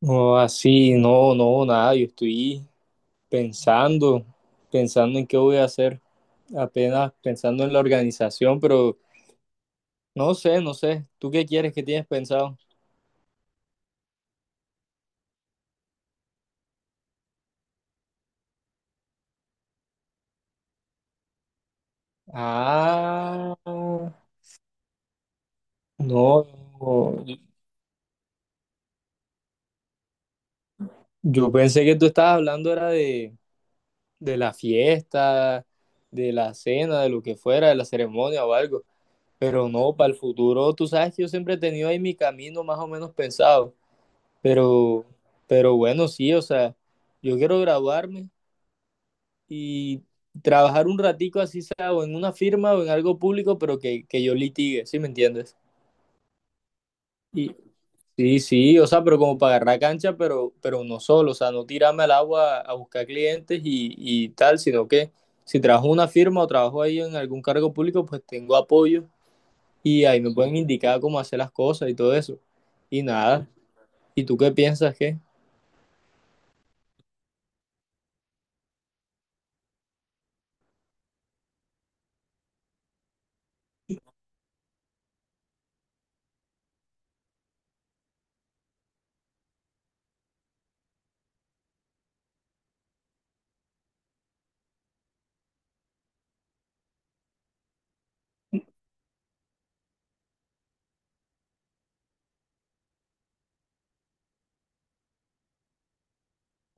No, así, no, no, nada, yo estoy pensando, pensando en qué voy a hacer, apenas pensando en la organización, pero no sé, no sé, ¿tú qué quieres, qué tienes pensado? Ah, no, no, yo pensé que tú estabas hablando era de la fiesta, de la cena, de lo que fuera, de la ceremonia o algo, pero no, para el futuro, tú sabes que yo siempre he tenido ahí mi camino más o menos pensado. Pero, pero bueno, sí, o sea, yo quiero graduarme y trabajar un ratico así sea o en una firma o en algo público, pero que yo litigue, ¿sí me entiendes? Y sí, sí, o sea, pero como para agarrar cancha, pero uno solo, o sea, no tirarme al agua a buscar clientes y tal, sino que si trabajo en una firma o trabajo ahí en algún cargo público, pues tengo apoyo y ahí me pueden indicar cómo hacer las cosas y todo eso. Y nada, ¿y tú qué piensas? Que?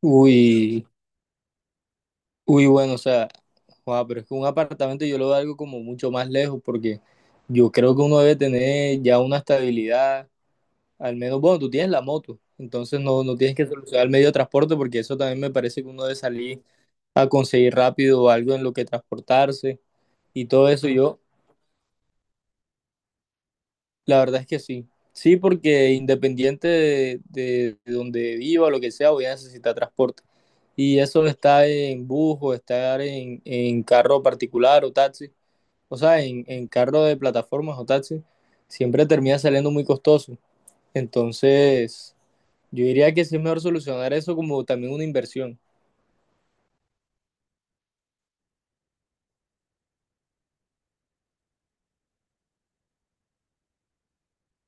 Uy, uy, bueno, o sea. Joda, pero es que un apartamento yo lo veo algo como mucho más lejos porque yo creo que uno debe tener ya una estabilidad. Al menos, bueno, tú tienes la moto, entonces no, no tienes que solucionar el medio de transporte, porque eso también me parece que uno debe salir a conseguir rápido algo en lo que transportarse y todo eso. Yo, la verdad es que sí. Sí, porque independiente de donde viva, lo que sea, voy a necesitar transporte. Y eso está en bus o estar en, carro particular o taxi. O sea, en carro de plataformas o taxis siempre termina saliendo muy costoso. Entonces, yo diría que sí es mejor solucionar eso como también una inversión.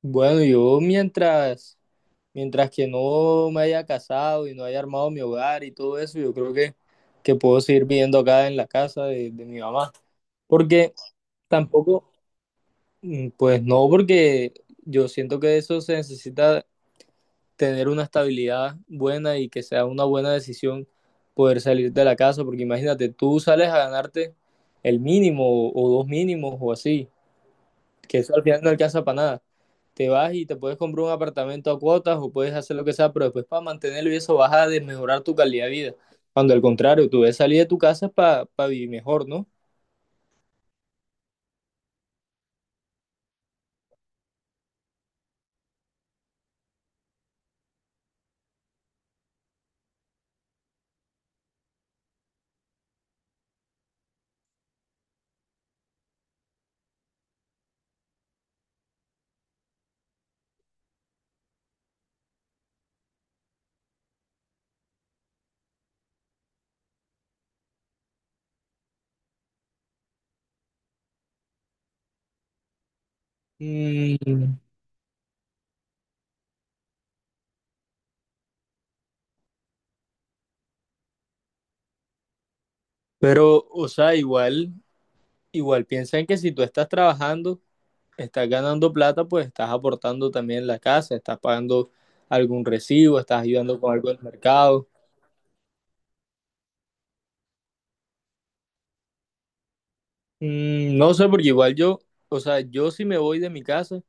Bueno, yo mientras que no me haya casado y no haya armado mi hogar y todo eso, yo creo que puedo seguir viviendo acá en la casa de mi mamá. Porque tampoco, mm, pues no, porque yo siento que eso se necesita, tener una estabilidad buena y que sea una buena decisión poder salir de la casa, porque imagínate, tú sales a ganarte el mínimo o dos mínimos o así, que eso al final no alcanza para nada. Te vas y te puedes comprar un apartamento a cuotas o puedes hacer lo que sea, pero después para mantenerlo y eso vas a desmejorar tu calidad de vida. Cuando al contrario, tú debes salir de tu casa para vivir mejor, ¿no? Mm, pero, o sea, igual, igual piensa en que si tú estás trabajando, estás ganando plata, pues estás aportando también en la casa, estás pagando algún recibo, estás ayudando con algo del mercado. Mm, no sé, porque igual yo, o sea, yo si me voy de mi casa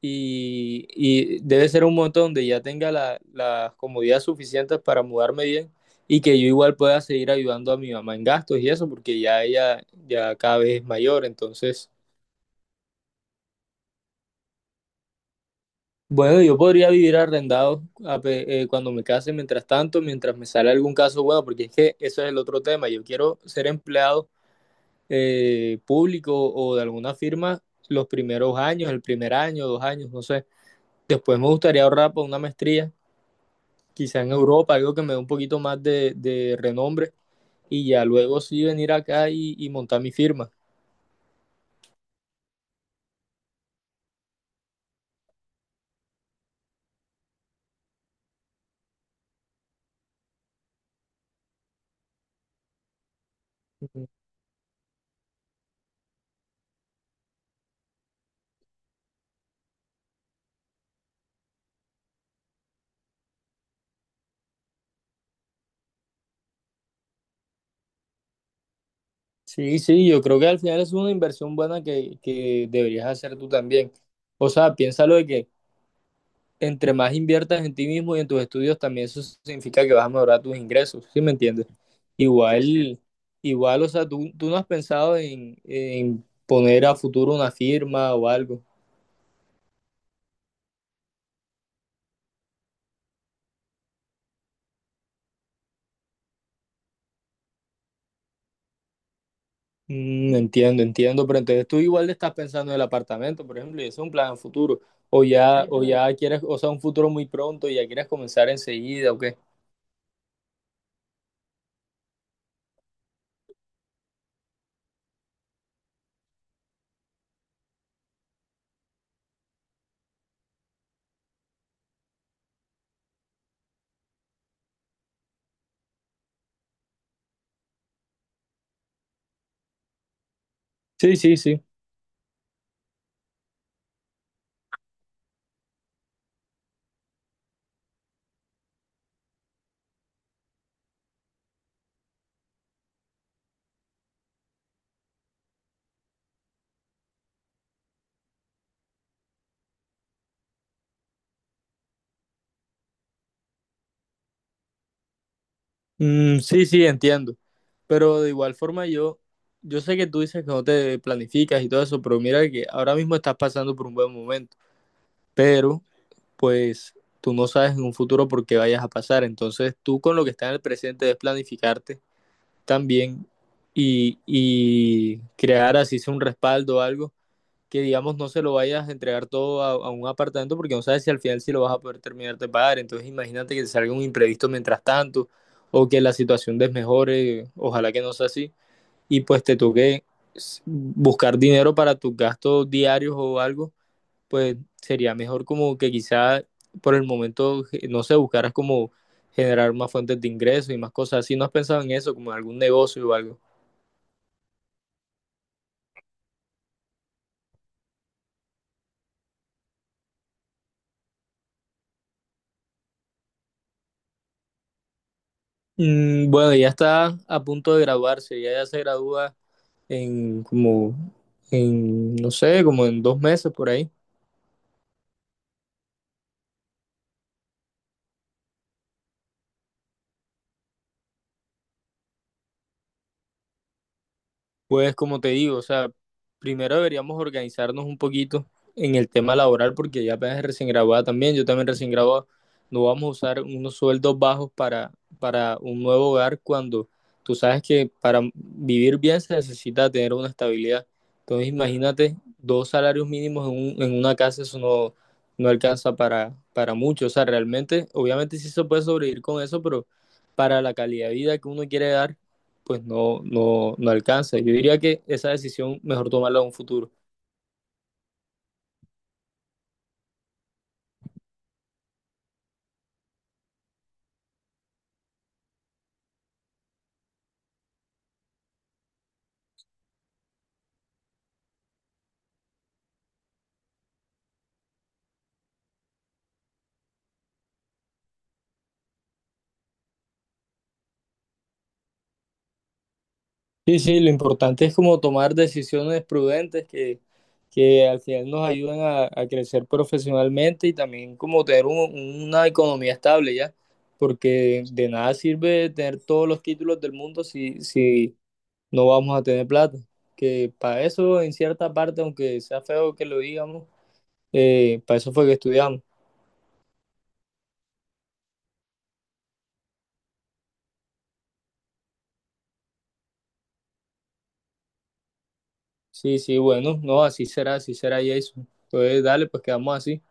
y debe ser un momento donde ya tenga las comodidades suficientes para mudarme bien y que yo igual pueda seguir ayudando a mi mamá en gastos y eso, porque ya ella ya cada vez es mayor, entonces... Bueno, yo podría vivir arrendado cuando me case, mientras tanto, mientras me sale algún caso bueno, porque es que eso es el otro tema. Yo quiero ser empleado, público o de alguna firma los primeros años, el primer año, 2 años, no sé. Después me gustaría ahorrar para una maestría, quizá en Europa, algo que me dé un poquito más de renombre, y ya luego sí venir acá y montar mi firma. Ujú. Sí, sí, yo creo que al final es una inversión buena que deberías hacer tú también. O sea, piénsalo, de que entre más inviertas en ti mismo y en tus estudios, también eso significa que vas a mejorar tus ingresos, ¿sí me entiendes? Sí, sí. Igual, igual, o sea, tú no has pensado en, poner a futuro una firma o algo. Mm, entiendo, entiendo, pero entonces tú igual le estás pensando en el apartamento, por ejemplo, y eso es un plan a futuro. O ya, sí, o sí, ya quieres, o sea, un futuro muy pronto y ya quieres comenzar enseguida, ¿o qué? Sí, sí, sí. Mm, sí, sí, entiendo. Pero de igual forma yo, yo sé que tú dices que no te planificas y todo eso, pero mira que ahora mismo estás pasando por un buen momento, pero pues tú no sabes en un futuro por qué vayas a pasar. Entonces tú, con lo que está en el presente, es planificarte también y crear así sea un respaldo o algo, que digamos no se lo vayas a entregar todo a un apartamento, porque no sabes si al final si lo vas a poder terminar de pagar. Entonces imagínate que te salga un imprevisto mientras tanto o que la situación desmejore, ojalá que no sea así, y pues te toque buscar dinero para tus gastos diarios o algo, pues sería mejor como que quizá por el momento, no sé, buscaras como generar más fuentes de ingresos y más cosas así. ¿No has pensado en eso, como en algún negocio o algo? Mm, bueno, ya está a punto de graduarse, ella ya se gradúa en como, en, no sé, como en 2 meses por ahí. Pues como te digo, o sea, primero deberíamos organizarnos un poquito en el tema laboral, porque ya apenas es recién graduada también, yo también recién graduado, no vamos a usar unos sueldos bajos para, un nuevo hogar, cuando tú sabes que para vivir bien se necesita tener una estabilidad. Entonces imagínate dos salarios mínimos en, en una casa, eso no, no alcanza para mucho. O sea, realmente, obviamente sí se puede sobrevivir con eso, pero para la calidad de vida que uno quiere dar pues no, no, no alcanza. Yo diría que esa decisión mejor tomarla en un futuro. Sí, sí, lo importante es como tomar decisiones prudentes que, al final nos ayuden a crecer profesionalmente, y también como tener una economía estable ya, porque de nada sirve tener todos los títulos del mundo si, si no vamos a tener plata. Que para eso, en cierta parte, aunque sea feo que lo digamos, para eso fue que estudiamos. Sí, sí, bueno, no, así será, Jason. Entonces, dale, pues quedamos así.